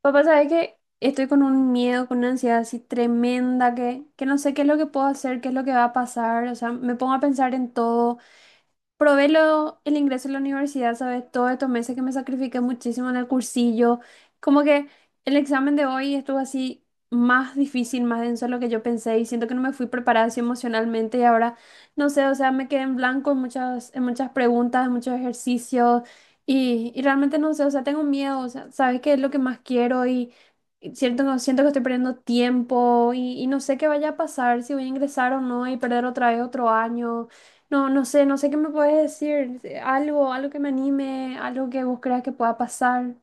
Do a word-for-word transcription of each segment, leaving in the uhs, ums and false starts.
Papá, ¿sabes que Estoy con un miedo, con una ansiedad así tremenda que, que no sé qué es lo que puedo hacer, qué es lo que va a pasar. O sea, me pongo a pensar en todo. Probé lo- el ingreso a la universidad, ¿sabes? Todos estos meses que me sacrifiqué muchísimo en el cursillo. Como que el examen de hoy estuvo así más difícil, más denso de lo que yo pensé y siento que no me fui preparada así emocionalmente y ahora, no sé, o sea, me quedé en blanco en muchas, en muchas preguntas, en muchos ejercicios y, y realmente no sé, o sea, tengo miedo, o sea, ¿sabes qué es lo que más quiero? Y, y siento, siento que estoy perdiendo tiempo y, y no sé qué vaya a pasar, si voy a ingresar o no y perder otra vez otro año. No, no sé, no sé qué me puedes decir. Algo, algo que me anime, algo que vos creas que pueda pasar.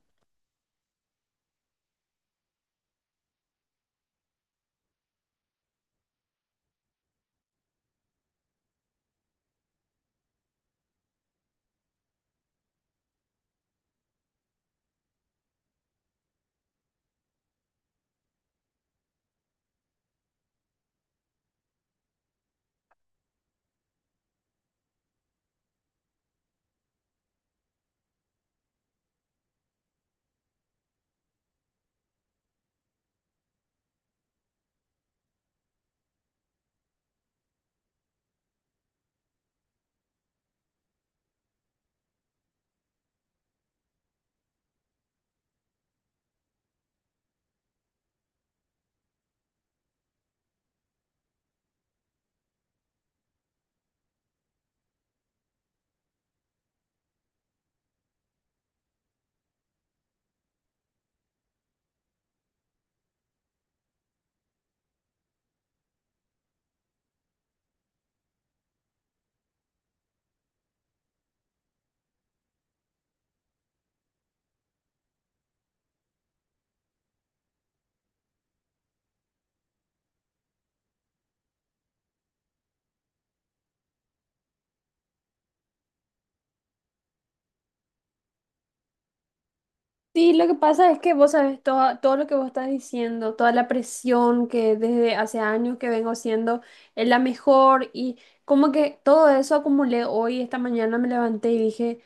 Sí, lo que pasa es que vos sabes todo, todo lo que vos estás diciendo, toda la presión que desde hace años que vengo siendo es la mejor y como que todo eso acumulé hoy, esta mañana me levanté y dije,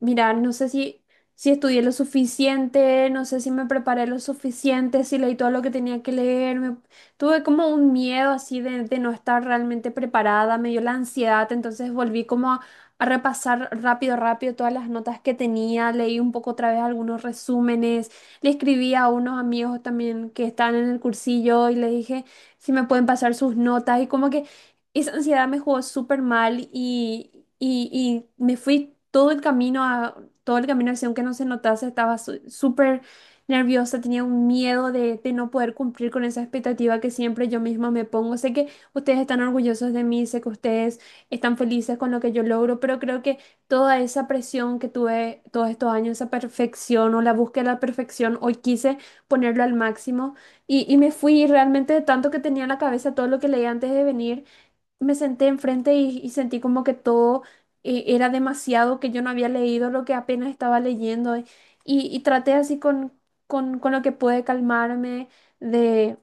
mira, no sé si, si estudié lo suficiente, no sé si me preparé lo suficiente, si leí todo lo que tenía que leer, me- tuve como un miedo así de, de no estar realmente preparada, me dio la ansiedad, entonces volví como a a repasar rápido, rápido todas las notas que tenía, leí un poco otra vez algunos resúmenes, le escribí a unos amigos también que estaban en el cursillo y les dije si me pueden pasar sus notas y como que esa ansiedad me jugó súper mal y, y, y me fui todo el camino a, todo el camino así, aunque no se notase, estaba su- súper nerviosa, tenía un miedo de, de no poder cumplir con esa expectativa que siempre yo misma me pongo. Sé que ustedes están orgullosos de mí, sé que ustedes están felices con lo que yo logro, pero creo que toda esa presión que tuve todos estos años, esa perfección o la búsqueda de la perfección, hoy quise ponerlo al máximo y, y me fui y realmente de tanto que tenía en la cabeza todo lo que leí antes de venir, me senté enfrente y, y sentí como que todo eh, era demasiado, que yo no había leído lo que apenas estaba leyendo y, y traté así con, con, con lo que pude calmarme de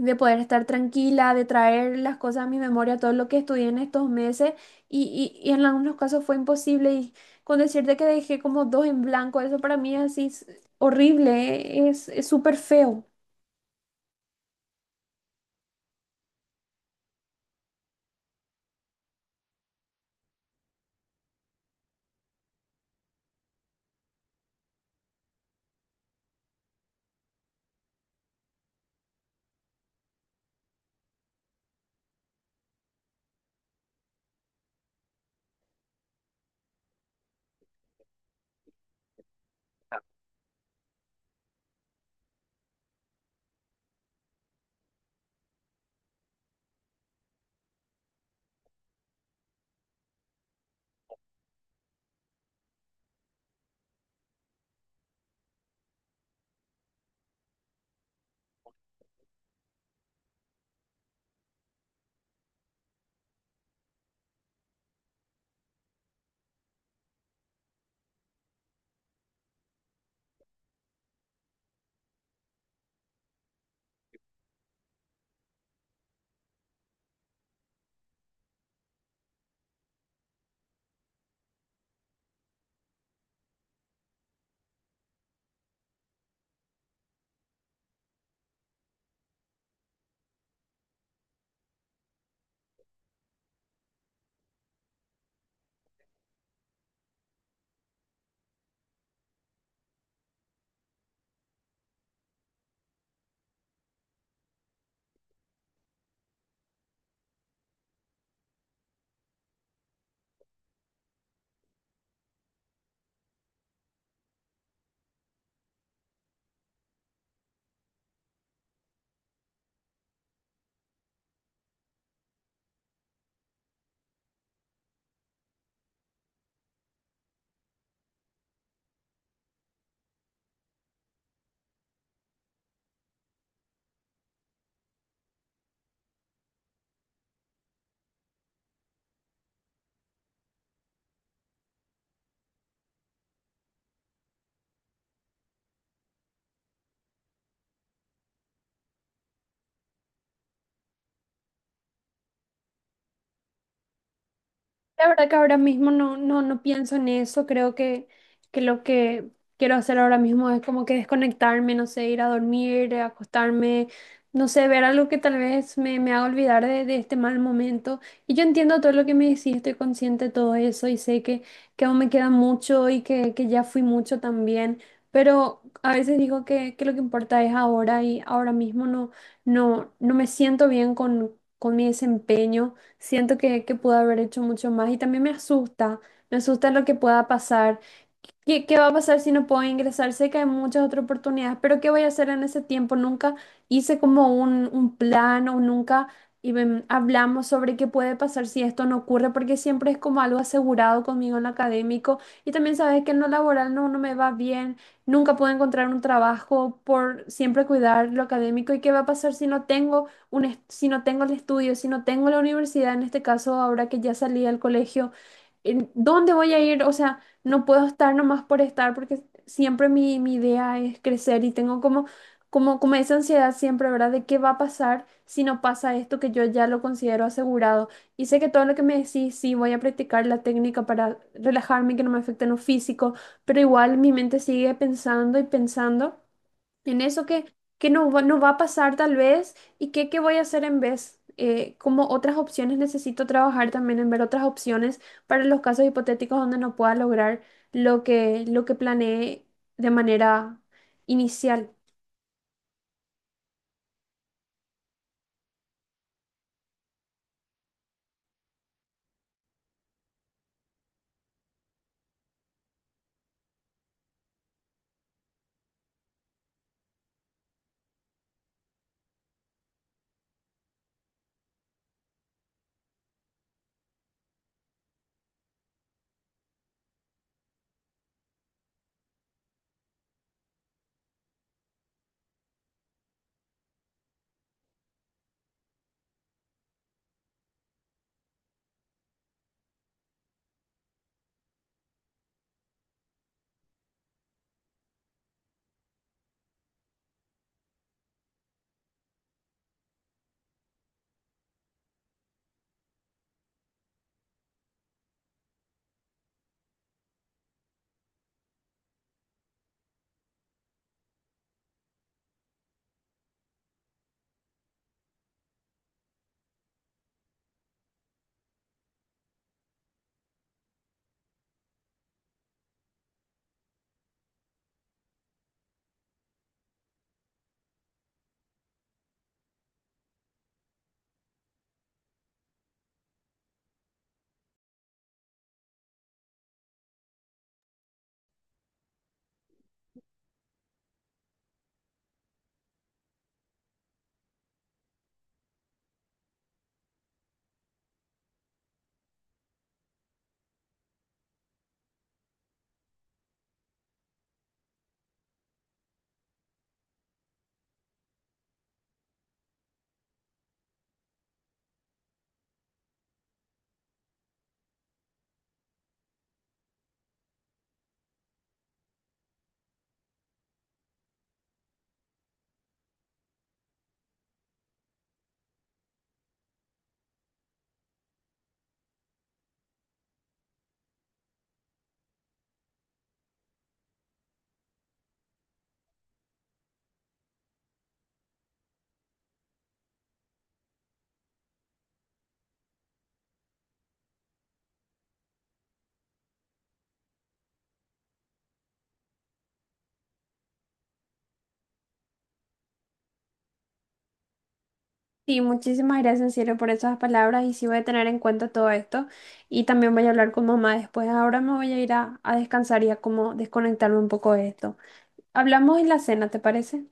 de poder estar tranquila, de traer las cosas a mi memoria, todo lo que estudié en estos meses y, y, y en algunos casos fue imposible y con decirte que dejé como dos en blanco, eso para mí es así es horrible, es es súper feo. La verdad que ahora mismo no, no, no pienso en eso. Creo que, que lo que quiero hacer ahora mismo es como que desconectarme, no sé, ir a dormir, eh, acostarme, no sé, ver algo que tal vez me, me haga olvidar de, de este mal momento. Y yo entiendo todo lo que me decís, estoy consciente de todo eso y sé que, que aún me queda mucho y que, que ya fui mucho también. Pero a veces digo que, que lo que importa es ahora y ahora mismo no, no, no me siento bien con, con mi desempeño. Siento que, que pude haber hecho mucho más y también me asusta, me asusta lo que pueda pasar. ¿Qué, qué va a pasar si no puedo ingresar? Sé que hay muchas otras oportunidades, pero ¿qué voy a hacer en ese tiempo? Nunca hice como un, un plan o nunca y, ven, hablamos sobre qué puede pasar si esto no ocurre, porque siempre es como algo asegurado conmigo en lo académico y también sabes que en lo laboral no, no me va bien, nunca puedo encontrar un trabajo por siempre cuidar lo académico y qué va a pasar si no tengo un, est- si no tengo el estudio, si no tengo la universidad, en este caso ahora que ya salí del colegio, ¿en ¿dónde voy a ir? O sea no puedo estar nomás por estar porque siempre mi, mi idea es crecer y tengo como, como, como esa ansiedad siempre, ¿verdad? De qué va a pasar si no pasa esto que yo ya lo considero asegurado. Y sé que todo lo que me decís, sí, voy a practicar la técnica para relajarme, y que no me afecte en lo físico, pero igual mi mente sigue pensando y pensando en eso que, que no, va- no va a pasar tal vez y qué, qué voy a hacer en vez. Eh, como otras opciones, necesito trabajar también en ver otras opciones para los casos hipotéticos donde no pueda lograr lo que, lo que planeé de manera inicial. Sí, muchísimas gracias en serio por esas palabras y sí voy a tener en cuenta todo esto y también voy a hablar con mamá después. Ahora me voy a ir a, a descansar y a como desconectarme un poco de esto. Hablamos en la cena, ¿te parece?